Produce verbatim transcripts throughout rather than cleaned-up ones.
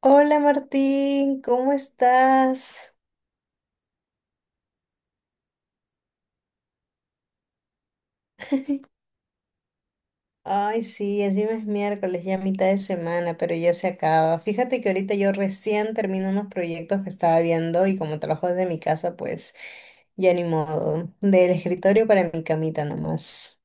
Hola Martín, ¿cómo estás? Ay, sí, encima es miércoles, ya mitad de semana, pero ya se acaba. Fíjate que ahorita yo recién termino unos proyectos que estaba viendo y como trabajo desde mi casa, pues ya ni modo. Del escritorio para mi camita nomás.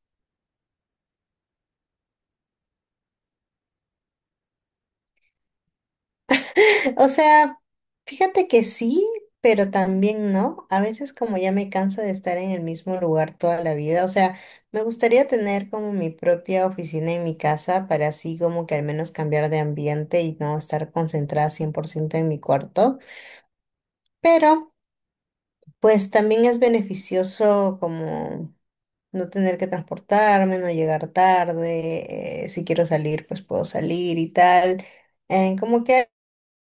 O sea, fíjate que sí, pero también no. A veces como ya me cansa de estar en el mismo lugar toda la vida. O sea, me gustaría tener como mi propia oficina en mi casa para así como que al menos cambiar de ambiente y no estar concentrada cien por ciento en mi cuarto. Pero pues también es beneficioso como no tener que transportarme, no llegar tarde. Eh, si quiero salir, pues puedo salir y tal. Eh, como que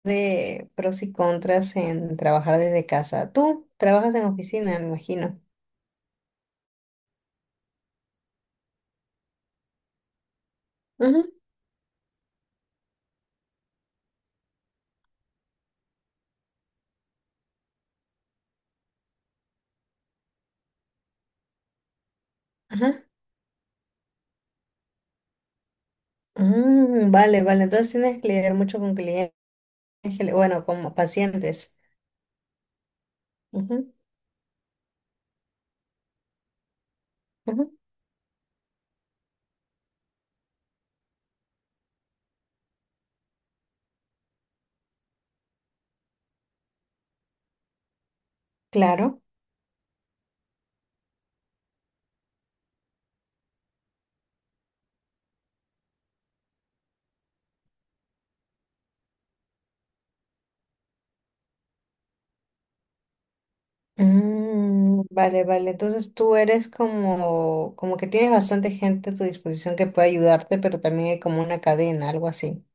de pros y contras en trabajar desde casa. Tú trabajas en oficina, me imagino. Ujú, ajá. Mm, vale, vale. Entonces tienes que lidiar mucho con clientes, que le- bueno, como pacientes. Ujú, ujú, claro. Mm, vale, vale. Entonces tú eres como, como que tienes bastante gente a tu disposición que puede ayudarte, pero también hay como una cadena, algo así.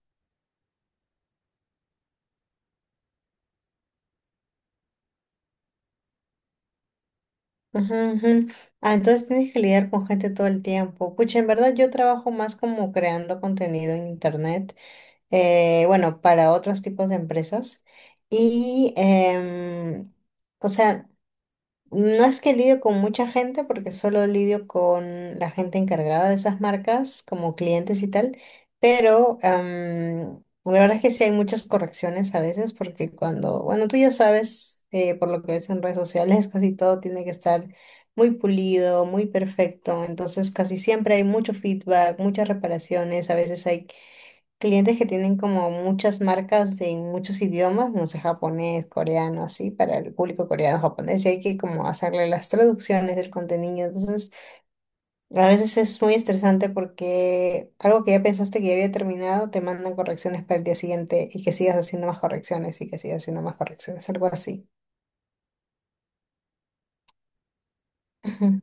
Ujú, ujú. Ah, entonces tienes que lidiar con gente todo el tiempo. Pucha, en verdad yo trabajo más como creando contenido en internet. Eh, bueno, para otros tipos de empresas. Y, em, o sea, no es que lidio con mucha gente, porque solo lidio con la gente encargada de esas marcas, como clientes y tal, pero em, la verdad es que sí hay muchas correcciones a veces, porque cuando, bueno, tú ya sabes, eh, por lo que ves en redes sociales, casi todo tiene que estar muy pulido, muy perfecto, entonces casi siempre hay mucho feedback, muchas reparaciones, a veces hay clientes que tienen como muchas marcas de muchos idiomas, no sé, japonés, coreano, así, para el público coreano, japonés, y hay que como hacerle las traducciones del contenido. Entonces, a veces es muy estresante porque algo que ya pensaste que ya había terminado, te mandan correcciones para el día siguiente y que sigas haciendo más correcciones y que sigas haciendo más correcciones, algo así. Ujú.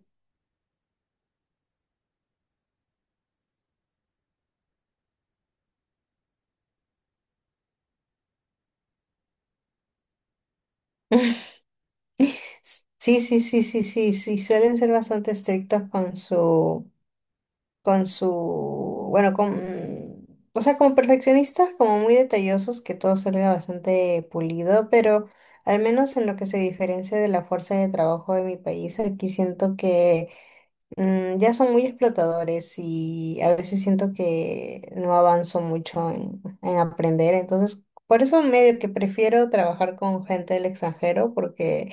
Sí, sí, sí, sí, sí, sí, suelen ser bastante estrictos con su con su, bueno, con, o sea, como perfeccionistas, como muy detallosos, que todo salga bastante pulido, pero al menos en lo que se diferencia de la fuerza de trabajo de mi país, aquí siento que mm, ya son muy explotadores y a veces siento que no avanzo mucho en, en aprender, entonces... Por eso medio que prefiero trabajar con gente del extranjero porque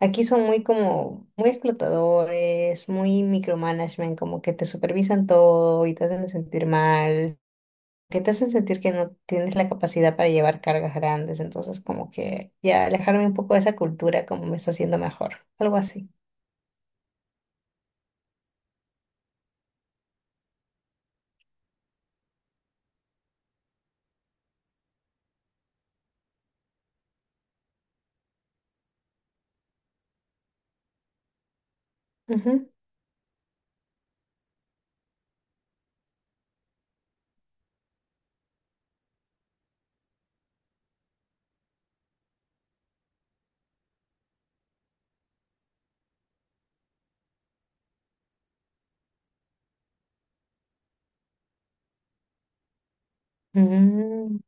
aquí son muy como, muy explotadores, muy micromanagement, como que te supervisan todo y te hacen sentir mal, que te hacen sentir que no tienes la capacidad para llevar cargas grandes, entonces como que ya alejarme un poco de esa cultura como me está haciendo mejor, algo así. Ujú. Mm,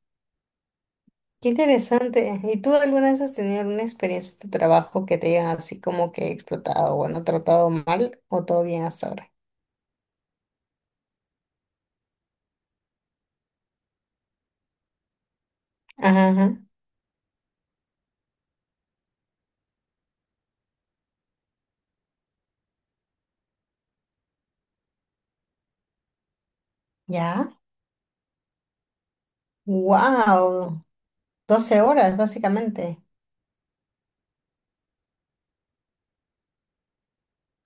qué interesante. ¿Y tú alguna vez has tenido alguna experiencia de trabajo que te hayan así como que explotado o no tratado mal o todo bien hasta ahora? Ajá. Ajá. ¿Ya? Wow. Doce horas, básicamente.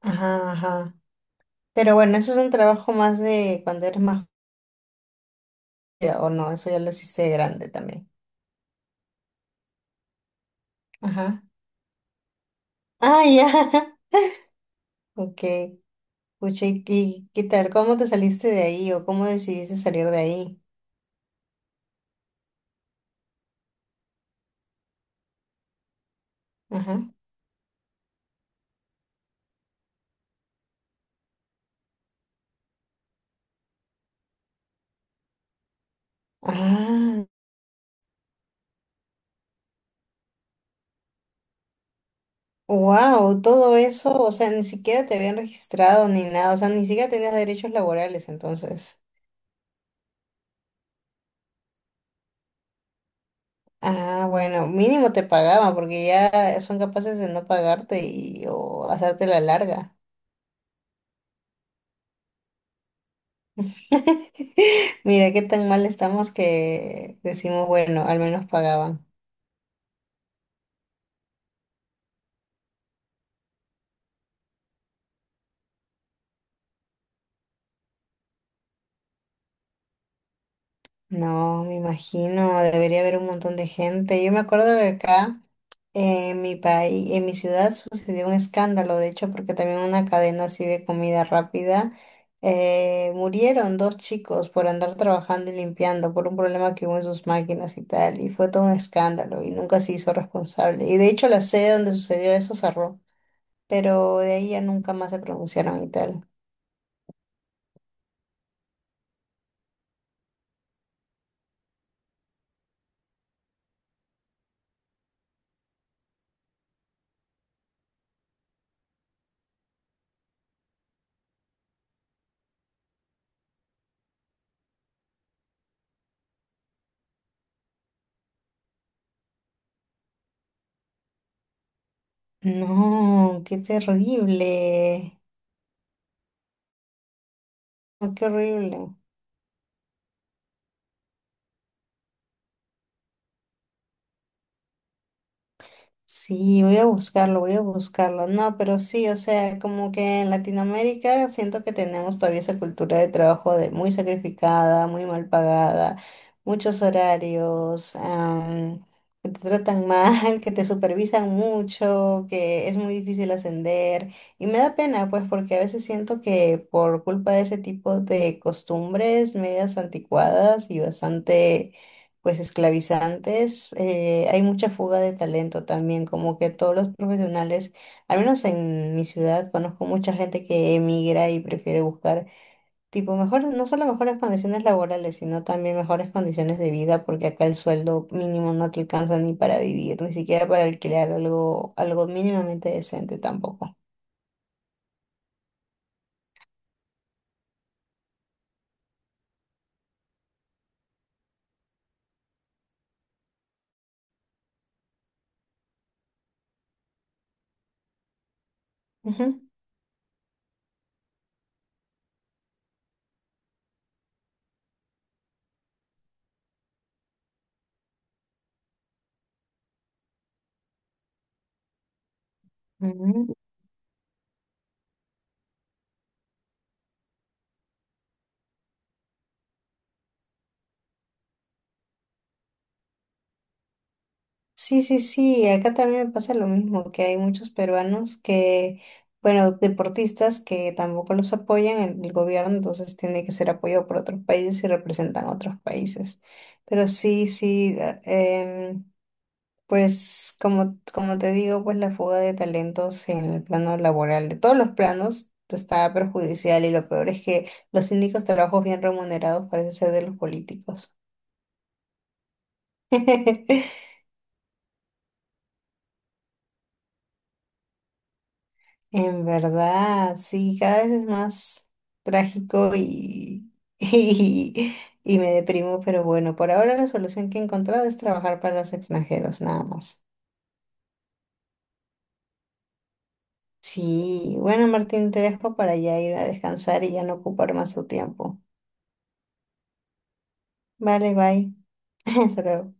Ajá, ajá. Pero bueno, eso es un trabajo más de cuando eres más joven, o no, eso ya lo hiciste de grande también. Ajá. Ah, ya. Ok. Pucha, ¿y qué qué tal? ¿Cómo te saliste de ahí o cómo decidiste salir de ahí? Ajá. Ah, wow, todo eso, o sea, ni siquiera te habían registrado ni nada, o sea, ni siquiera tenías derechos laborales entonces. Ah, bueno, mínimo te pagaban porque ya son capaces de no pagarte y o hacerte la larga. Mira qué tan mal estamos que decimos, bueno, al menos pagaban. No, me imagino, debería haber un montón de gente. Yo me acuerdo que acá eh, en mi país, en mi ciudad sucedió un escándalo, de hecho, porque también una cadena así de comida rápida, eh, murieron dos chicos por andar trabajando y limpiando por un problema que hubo en sus máquinas y tal, y fue todo un escándalo y nunca se hizo responsable. Y de hecho la sede donde sucedió eso cerró, pero de ahí ya nunca más se pronunciaron y tal. No, qué terrible. No, qué horrible. Sí, voy a buscarlo, voy a buscarlo. No, pero sí, o sea, como que en Latinoamérica siento que tenemos todavía esa cultura de trabajo de muy sacrificada, muy mal pagada, muchos horarios, am, que te tratan mal, que te supervisan mucho, que es muy difícil ascender. Y me da pena, pues, porque a veces siento que por culpa de ese tipo de costumbres medias anticuadas y bastante pues esclavizantes, eh, hay mucha fuga de talento también, como que todos los profesionales, al menos en mi ciudad, conozco mucha gente que emigra y prefiere buscar tipo mejores, no solo mejores condiciones laborales, sino también mejores condiciones de vida, porque acá el sueldo mínimo no te alcanza ni para vivir, ni siquiera para alquilar algo, algo mínimamente decente tampoco. Ujú. Ujú. Sí, sí, sí, acá también me pasa lo mismo, que hay muchos peruanos que, bueno, deportistas que tampoco los apoyan en el gobierno, entonces tiene que ser apoyado por otros países y representan otros países. Pero sí, sí, a- em, pues como, como te digo, pues la fuga de talentos en el plano laboral, de todos los planos, está perjudicial y lo peor es que los únicos trabajos bien remunerados parece ser de los políticos. En verdad, sí, cada vez es más trágico y, y, y me deprimo, pero bueno, por ahora la solución que he encontrado es trabajar para los extranjeros, nada más. Sí, bueno, Martín, te dejo para ya ir a descansar y ya no ocupar más tu tiempo. Vale, bye. Hasta luego.